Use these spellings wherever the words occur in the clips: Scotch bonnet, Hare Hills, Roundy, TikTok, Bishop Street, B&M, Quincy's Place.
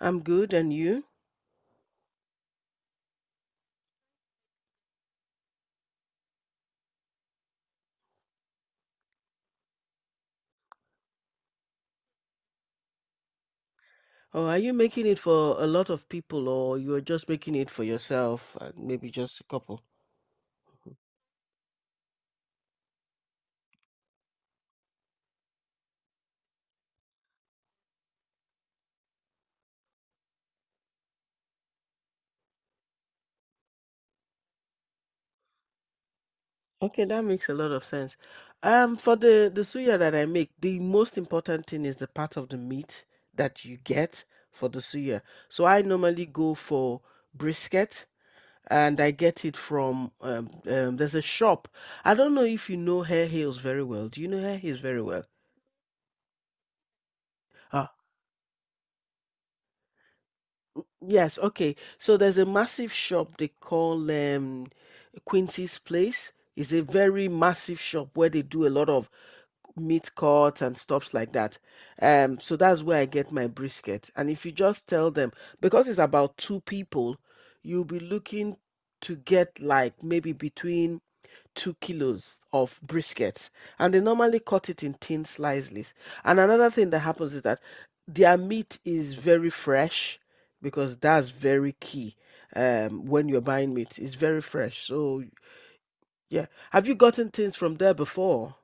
I'm good, and you? Or are you making it for a lot of people, or you're just making it for yourself and maybe just a couple? Okay, that makes a lot of sense. For the suya that I make, the most important thing is the part of the meat that you get for the suya. So I normally go for brisket. And I get it from there's a shop. I don't know if you know Hair Heels very well. Do you know Hair Heels very well? Ah, yes. Okay. So there's a massive shop they call Quincy's Place. It's a very massive shop where they do a lot of meat cuts and stuffs like that. So that's where I get my brisket. And if you just tell them, because it's about two people, you'll be looking to get like maybe between 2 kilos of brisket, and they normally cut it in thin slices. And another thing that happens is that their meat is very fresh because that's very key when you're buying meat. It's very fresh. So, yeah. Have you gotten things from there before?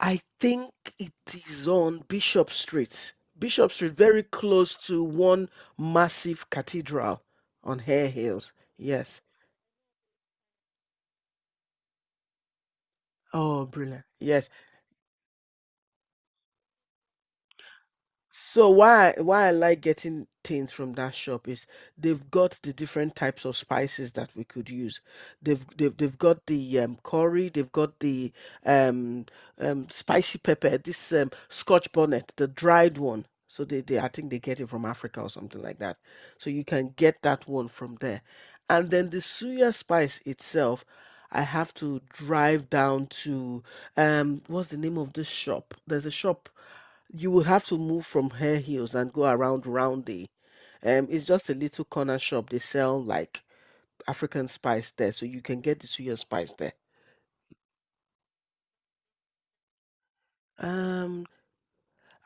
I think it is on Bishop Street. Bishop Street, very close to one massive cathedral on Hare Hills. Yes. Oh, brilliant. Yes. So why I like getting things from that shop is they've got the different types of spices that we could use. They've got the curry, they've got the um, spicy pepper, this Scotch bonnet, the dried one. So, they I think they get it from Africa or something like that. So you can get that one from there. And then the suya spice itself, I have to drive down to what's the name of this shop? There's a shop you will have to move from Hare Heels and go around Roundy. It's just a little corner shop. They sell like African spice there, so you can get the suya spice there. Um,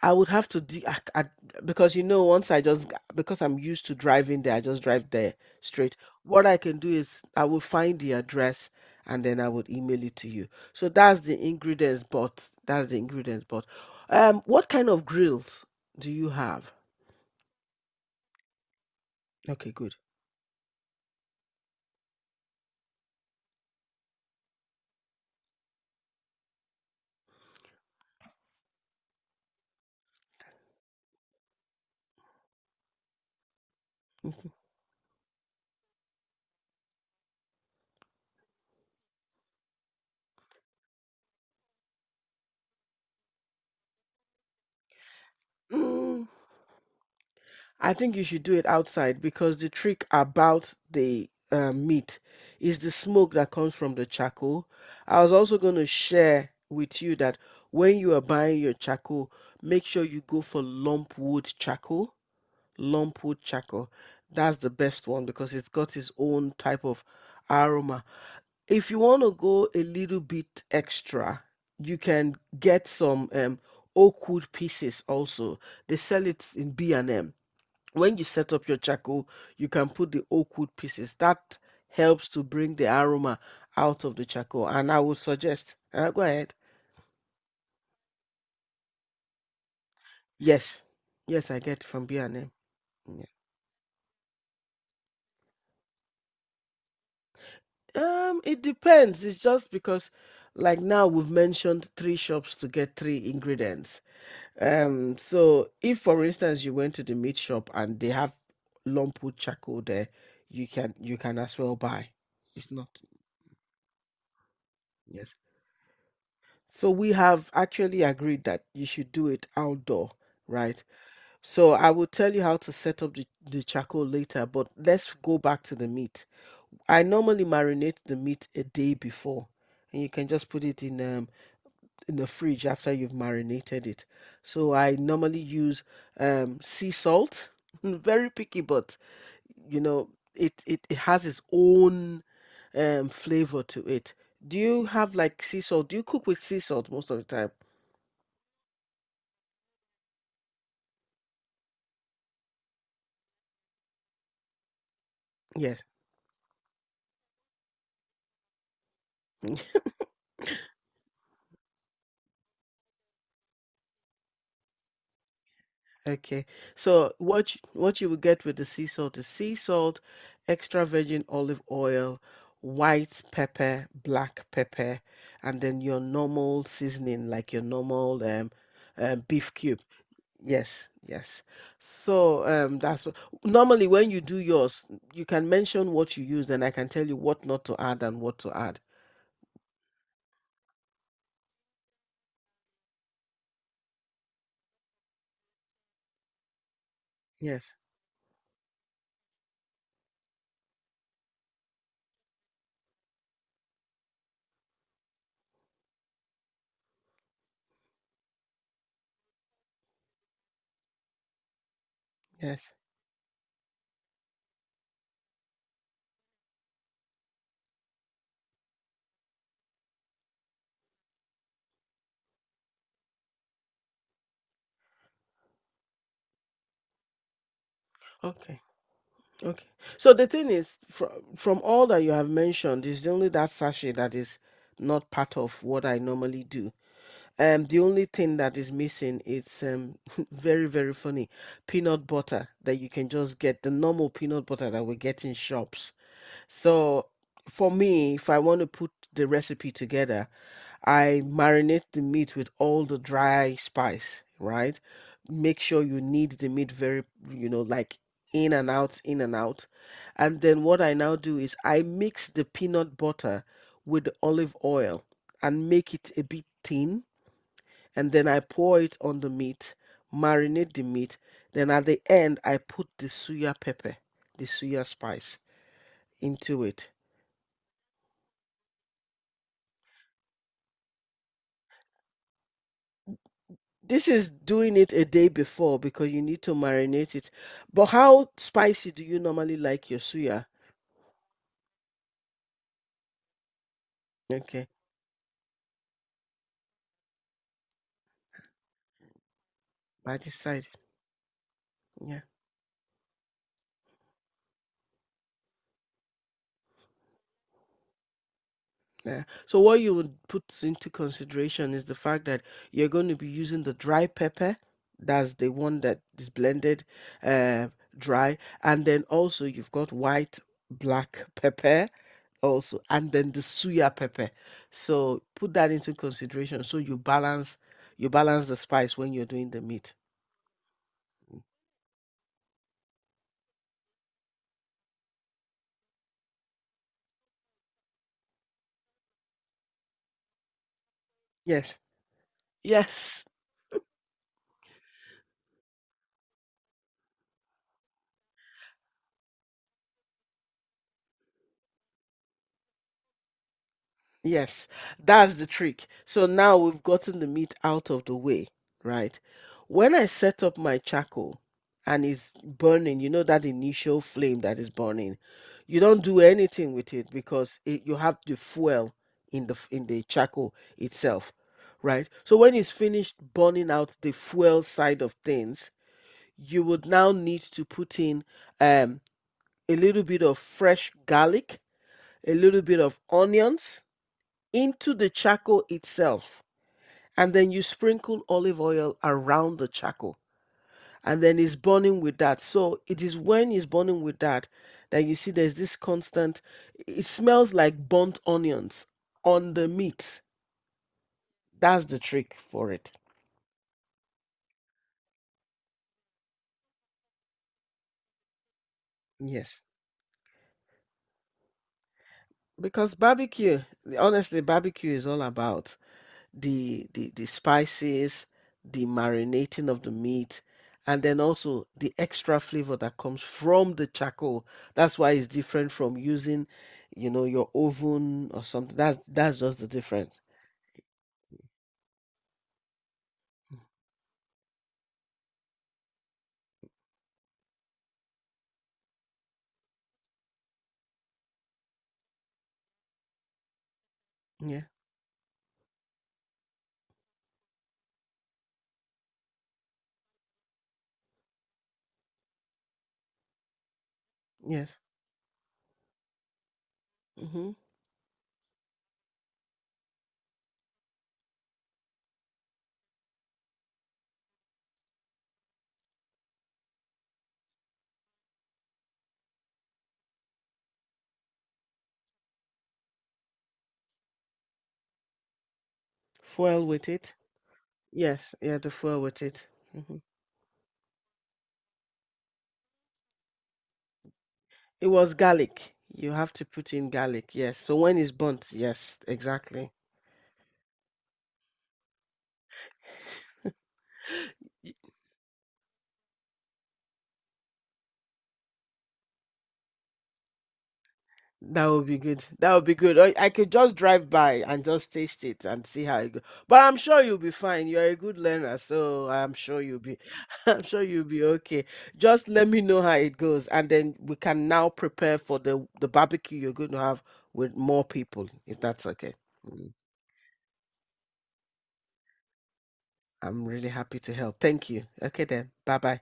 I would have to because you know once I just, because I'm used to driving there, I just drive there straight. What I can do is I will find the address and then I would email it to you. So that's the ingredients, but what kind of grills do you have? Okay, good. Mhm. Mm, I think you should do it outside because the trick about the meat is the smoke that comes from the charcoal. I was also going to share with you that when you are buying your charcoal, make sure you go for lump wood charcoal. Lump wood charcoal. That's the best one because it's got its own type of aroma. If you want to go a little bit extra, you can get some oak wood pieces also. They sell it in B&M. When you set up your charcoal, you can put the oak wood pieces. That helps to bring the aroma out of the charcoal. And I would suggest, go ahead. Yes, yes, I get from B&M. Yeah. It depends. It's just because, like now, we've mentioned three shops to get three ingredients. So if, for instance, you went to the meat shop and they have lump wood charcoal there, you can as well buy. It's not, yes. So we have actually agreed that you should do it outdoor, right? So I will tell you how to set up the charcoal later, but let's go back to the meat. I normally marinate the meat a day before, and you can just put it in the fridge after you've marinated it. So I normally use sea salt. Very picky, but you know, it has its own flavor to it. Do you have like sea salt? Do you cook with sea salt most of the time? Yes. Okay. So what you will get with the sea salt is sea salt, extra virgin olive oil, white pepper, black pepper, and then your normal seasoning, like your normal beef cube. Yes, yes. So that's what, normally when you do yours, you can mention what you use, and I can tell you what not to add and what to add. Yes, yes. Okay. Okay. So the thing is, from all that you have mentioned, is only that sachet that is not part of what I normally do. The only thing that is missing is very funny, peanut butter that you can just get, the normal peanut butter that we get in shops. So for me, if I want to put the recipe together, I marinate the meat with all the dry spice, right? Make sure you knead the meat very, you know, like in and out, in and out. And then what I now do is I mix the peanut butter with the olive oil and make it a bit thin. And then I pour it on the meat, marinate the meat. Then at the end, I put the suya pepper, the suya spice into it. This is doing it a day before because you need to marinate it. But how spicy do you normally like your suya? Okay, I decided. Yeah. Yeah. So what you would put into consideration is the fact that you're going to be using the dry pepper. That's the one that is blended, uh, dry, and then also you've got white, black pepper also, and then the suya pepper, so put that into consideration so you balance the spice when you're doing the meat. Mm. Yes, yes. Yes, that's the trick. So now we've gotten the meat out of the way, right? When I set up my charcoal and it's burning, you know that initial flame that is burning, you don't do anything with it because it, you have the fuel in the in the charcoal itself, right? So when it's finished burning out the fuel side of things, you would now need to put in um, a little bit of fresh garlic, a little bit of onions into the charcoal itself. And then you sprinkle olive oil around the charcoal. And then it's burning with that. So it is when it's burning with that that you see there's this constant, it smells like burnt onions on the meat. That's the trick for it. Yes. Because barbecue, honestly, barbecue is all about the spices, the marinating of the meat, and then also the extra flavor that comes from the charcoal. That's why it's different from using, you know, your oven or something. That's just the difference. Mm. Yeah. Yes. Mm-hmm. Foil with it. Yes. Yeah. The foil with it. Hmm. It was garlic. You have to put in garlic. Yes. So when it's burnt, yes, exactly. That would be good. That would be good. I could just drive by and just taste it and see how it goes. But I'm sure you'll be fine. You're a good learner, so I'm sure you'll be I'm sure you'll be okay. Just let me know how it goes, and then we can now prepare for the barbecue you're going to have with more people, if that's okay. Mm. I'm really happy to help. Thank you. Okay then. Bye-bye.